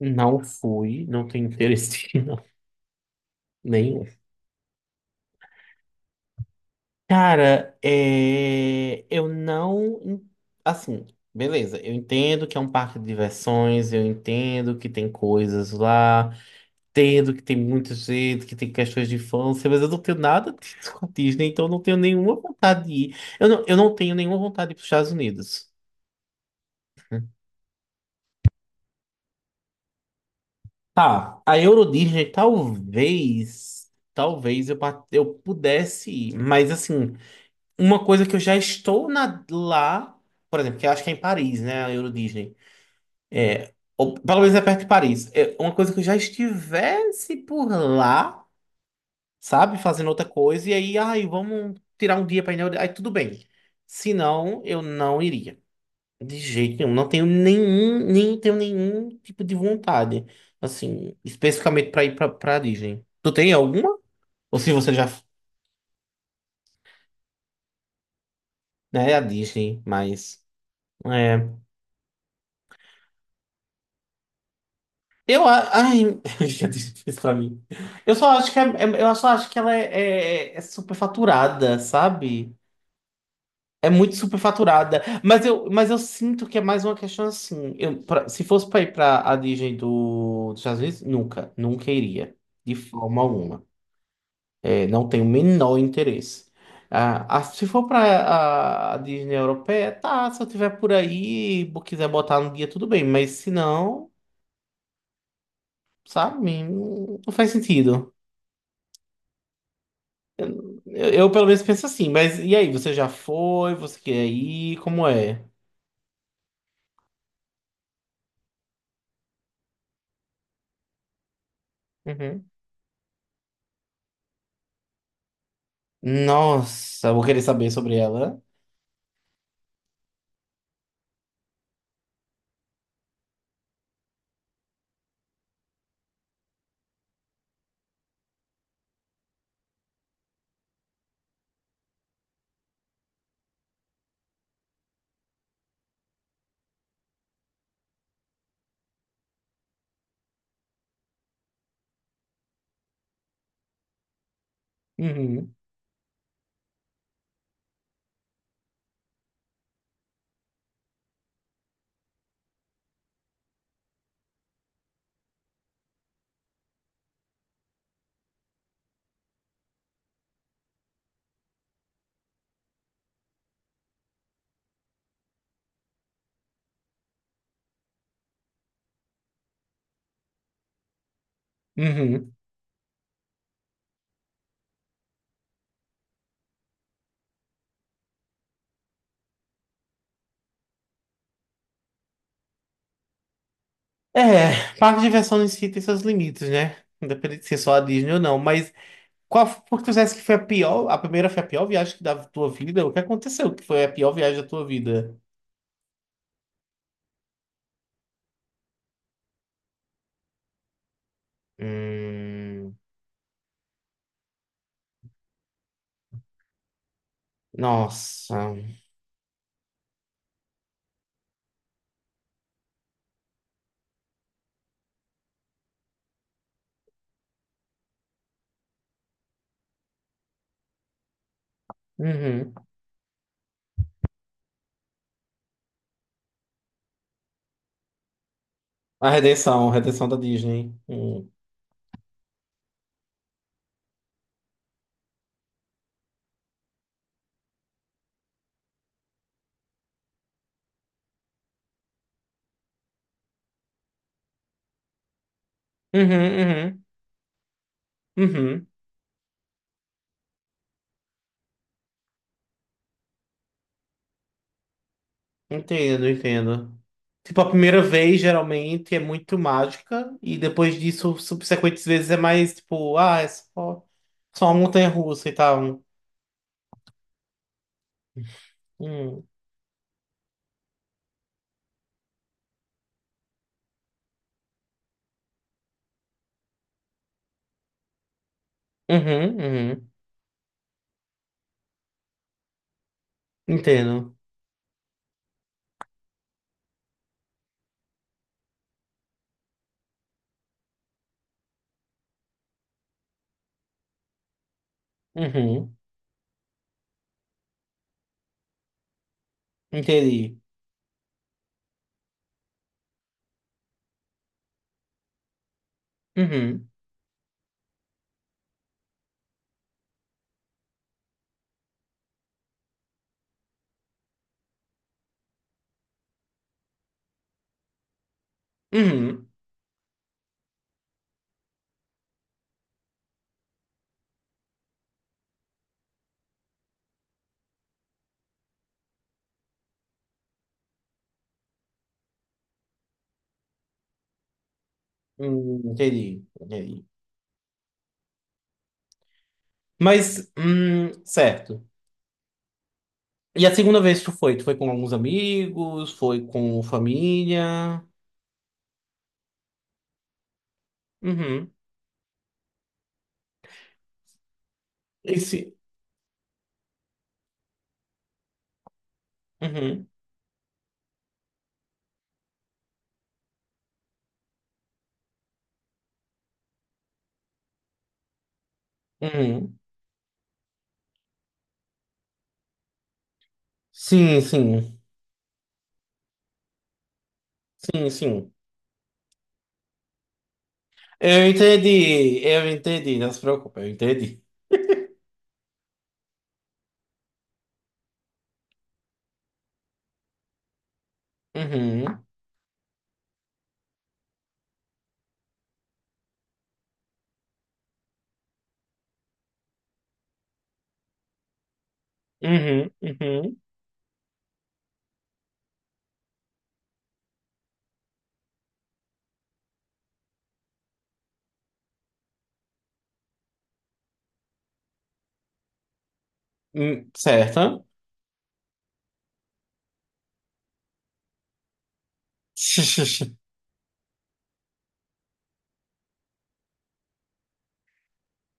Não fui, não tenho interesse não, nenhum. Cara, eu não. Assim, beleza, eu entendo que é um parque de diversões, eu entendo que tem coisas lá, entendo que tem muita gente, que tem questões de infância, mas eu não tenho nada disso com a Disney, então eu não tenho nenhuma vontade de ir. Eu não tenho nenhuma vontade de ir para os Estados Unidos. Tá, a Euro Disney talvez. Talvez eu pudesse ir, mas assim. Uma coisa que eu já lá, por exemplo, que eu acho que é em Paris, né? A Euro Disney. É, ou pelo menos é perto de Paris. É uma coisa que eu já estivesse por lá, sabe? Fazendo outra coisa, e aí, ai, vamos tirar um dia para ir na Euro... Aí tudo bem. Se não, eu não iria. De jeito nenhum. Não tenho nenhum, nem tenho nenhum tipo de vontade. Assim, especificamente para ir para Disney. Tu tem alguma? Ou se você já, né, é a Disney, mas. é, ai, já disse isso pra mim. Eu só acho que ela é superfaturada, sabe? É muito superfaturada. Mas eu sinto que é mais uma questão assim. Se fosse pra ir pra a Disney dos Estados Unidos, nunca, nunca iria. De forma alguma. É, não tenho o menor interesse. Se for pra a Disney europeia, tá. Se eu tiver por aí, e quiser botar no guia, tudo bem. Mas se não, sabe? Não faz sentido. Pelo menos penso assim, mas e aí, você já foi? Você quer ir? Como é? Uhum. Nossa, vou querer saber sobre ela. Uhum. Uhum. É, parque de diversões em si tem seus limites, né? Independente de ser só a Disney ou não, mas qual porque tu dissesse que foi a pior, a primeira foi a pior viagem que da tua vida? O que aconteceu que foi a pior viagem da tua vida? Hum, nossa. Uhum. A redenção da Disney. Hum. Uhum, uhum, uhum. Entendo, entendo. Tipo, a primeira vez geralmente é muito mágica, e depois disso, subsequentes vezes é mais tipo, ah, só uma montanha-russa e tal. Hum. Uhum, uhum. Entendo. Uhum. Entendi. Uhum. Uhum. Entendi, entendi. Mas, certo. E a segunda vez que tu foi? Tu foi com alguns amigos? Foi com família? Uhum. Esse. Uhum. Uhum. Sim, sim. Sim, sim. Eu entendi, não se preocupe, eu entendi. Uhum, uhum. Certo?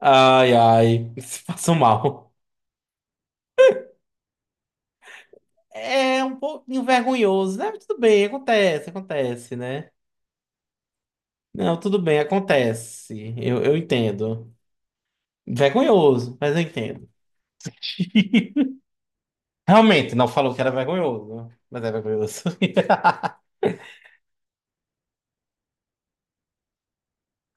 Ai, ai, se passo mal. É um pouquinho vergonhoso, né? Mas tudo bem, acontece, acontece, né? Não, tudo bem, acontece. Eu entendo. Vergonhoso, mas eu entendo. Realmente, não falou que era vergonhoso, mas é vergonhoso.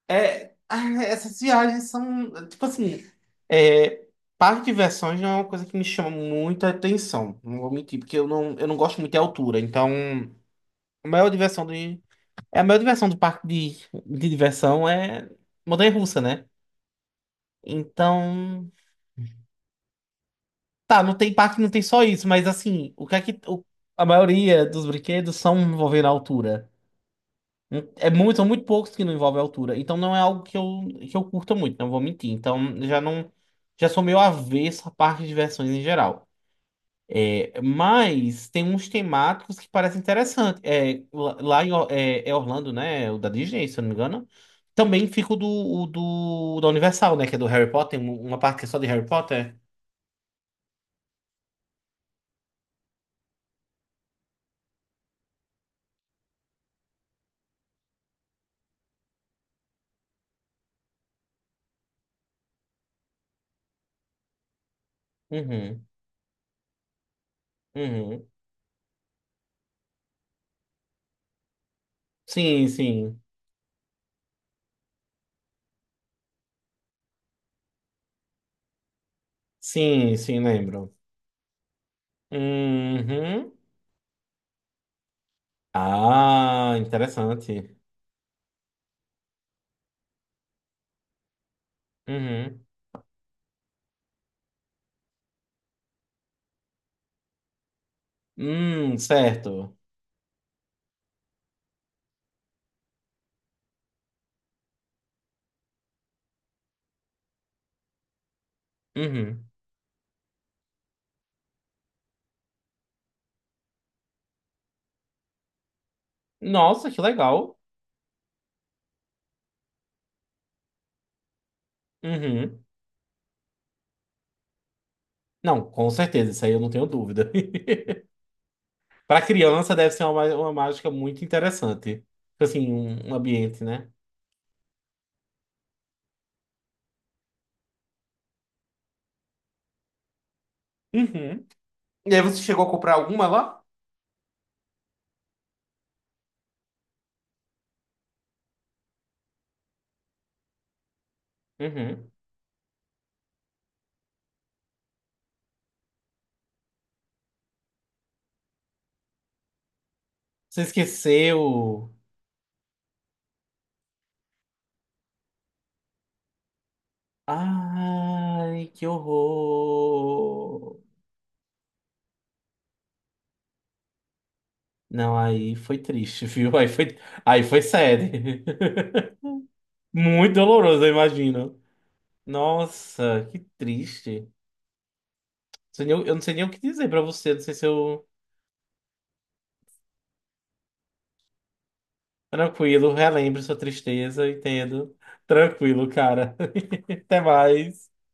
Essas viagens são, tipo assim, é, parque de diversões não é uma coisa que me chama muita atenção, não vou mentir, porque eu não gosto muito de altura, então a maior diversão do, é a maior diversão do de diversão é montanha-russa, né? Então, tá, não tem parque, não tem só isso, mas assim, o que é que o- a maioria dos brinquedos são envolvendo a altura? É muito, são muito poucos que não envolvem altura. Então não é algo que eu curta muito, não vou mentir. Então já não. Já sou meio avesso a parques de diversões em geral. É, mas tem uns temáticos que parecem interessantes. É, é, é Orlando, né? É o da Disney, se eu não me engano. Também fica da Universal, né? Que é do Harry Potter. Uma parte que é só de Harry Potter. Uhum, uhum. Sim, sim. Sim, sim, lembro. Uhum. Ah, interessante. Uhum. Certo. Uhum. Nossa, que legal. Uhum. Não, com certeza, isso aí eu não tenho dúvida. Para criança deve ser uma mágica muito interessante. Tipo assim, um ambiente, né? Uhum. E aí você chegou a comprar alguma lá? Uhum. Você esqueceu? Ai, que horror. Não, aí foi triste, viu? Aí foi sério. Muito doloroso, eu imagino. Nossa, que triste. Sei nem- Eu não sei nem o que dizer pra você. Não sei se eu. Tranquilo, relembro sua tristeza, entendo. Tranquilo, cara. Até mais.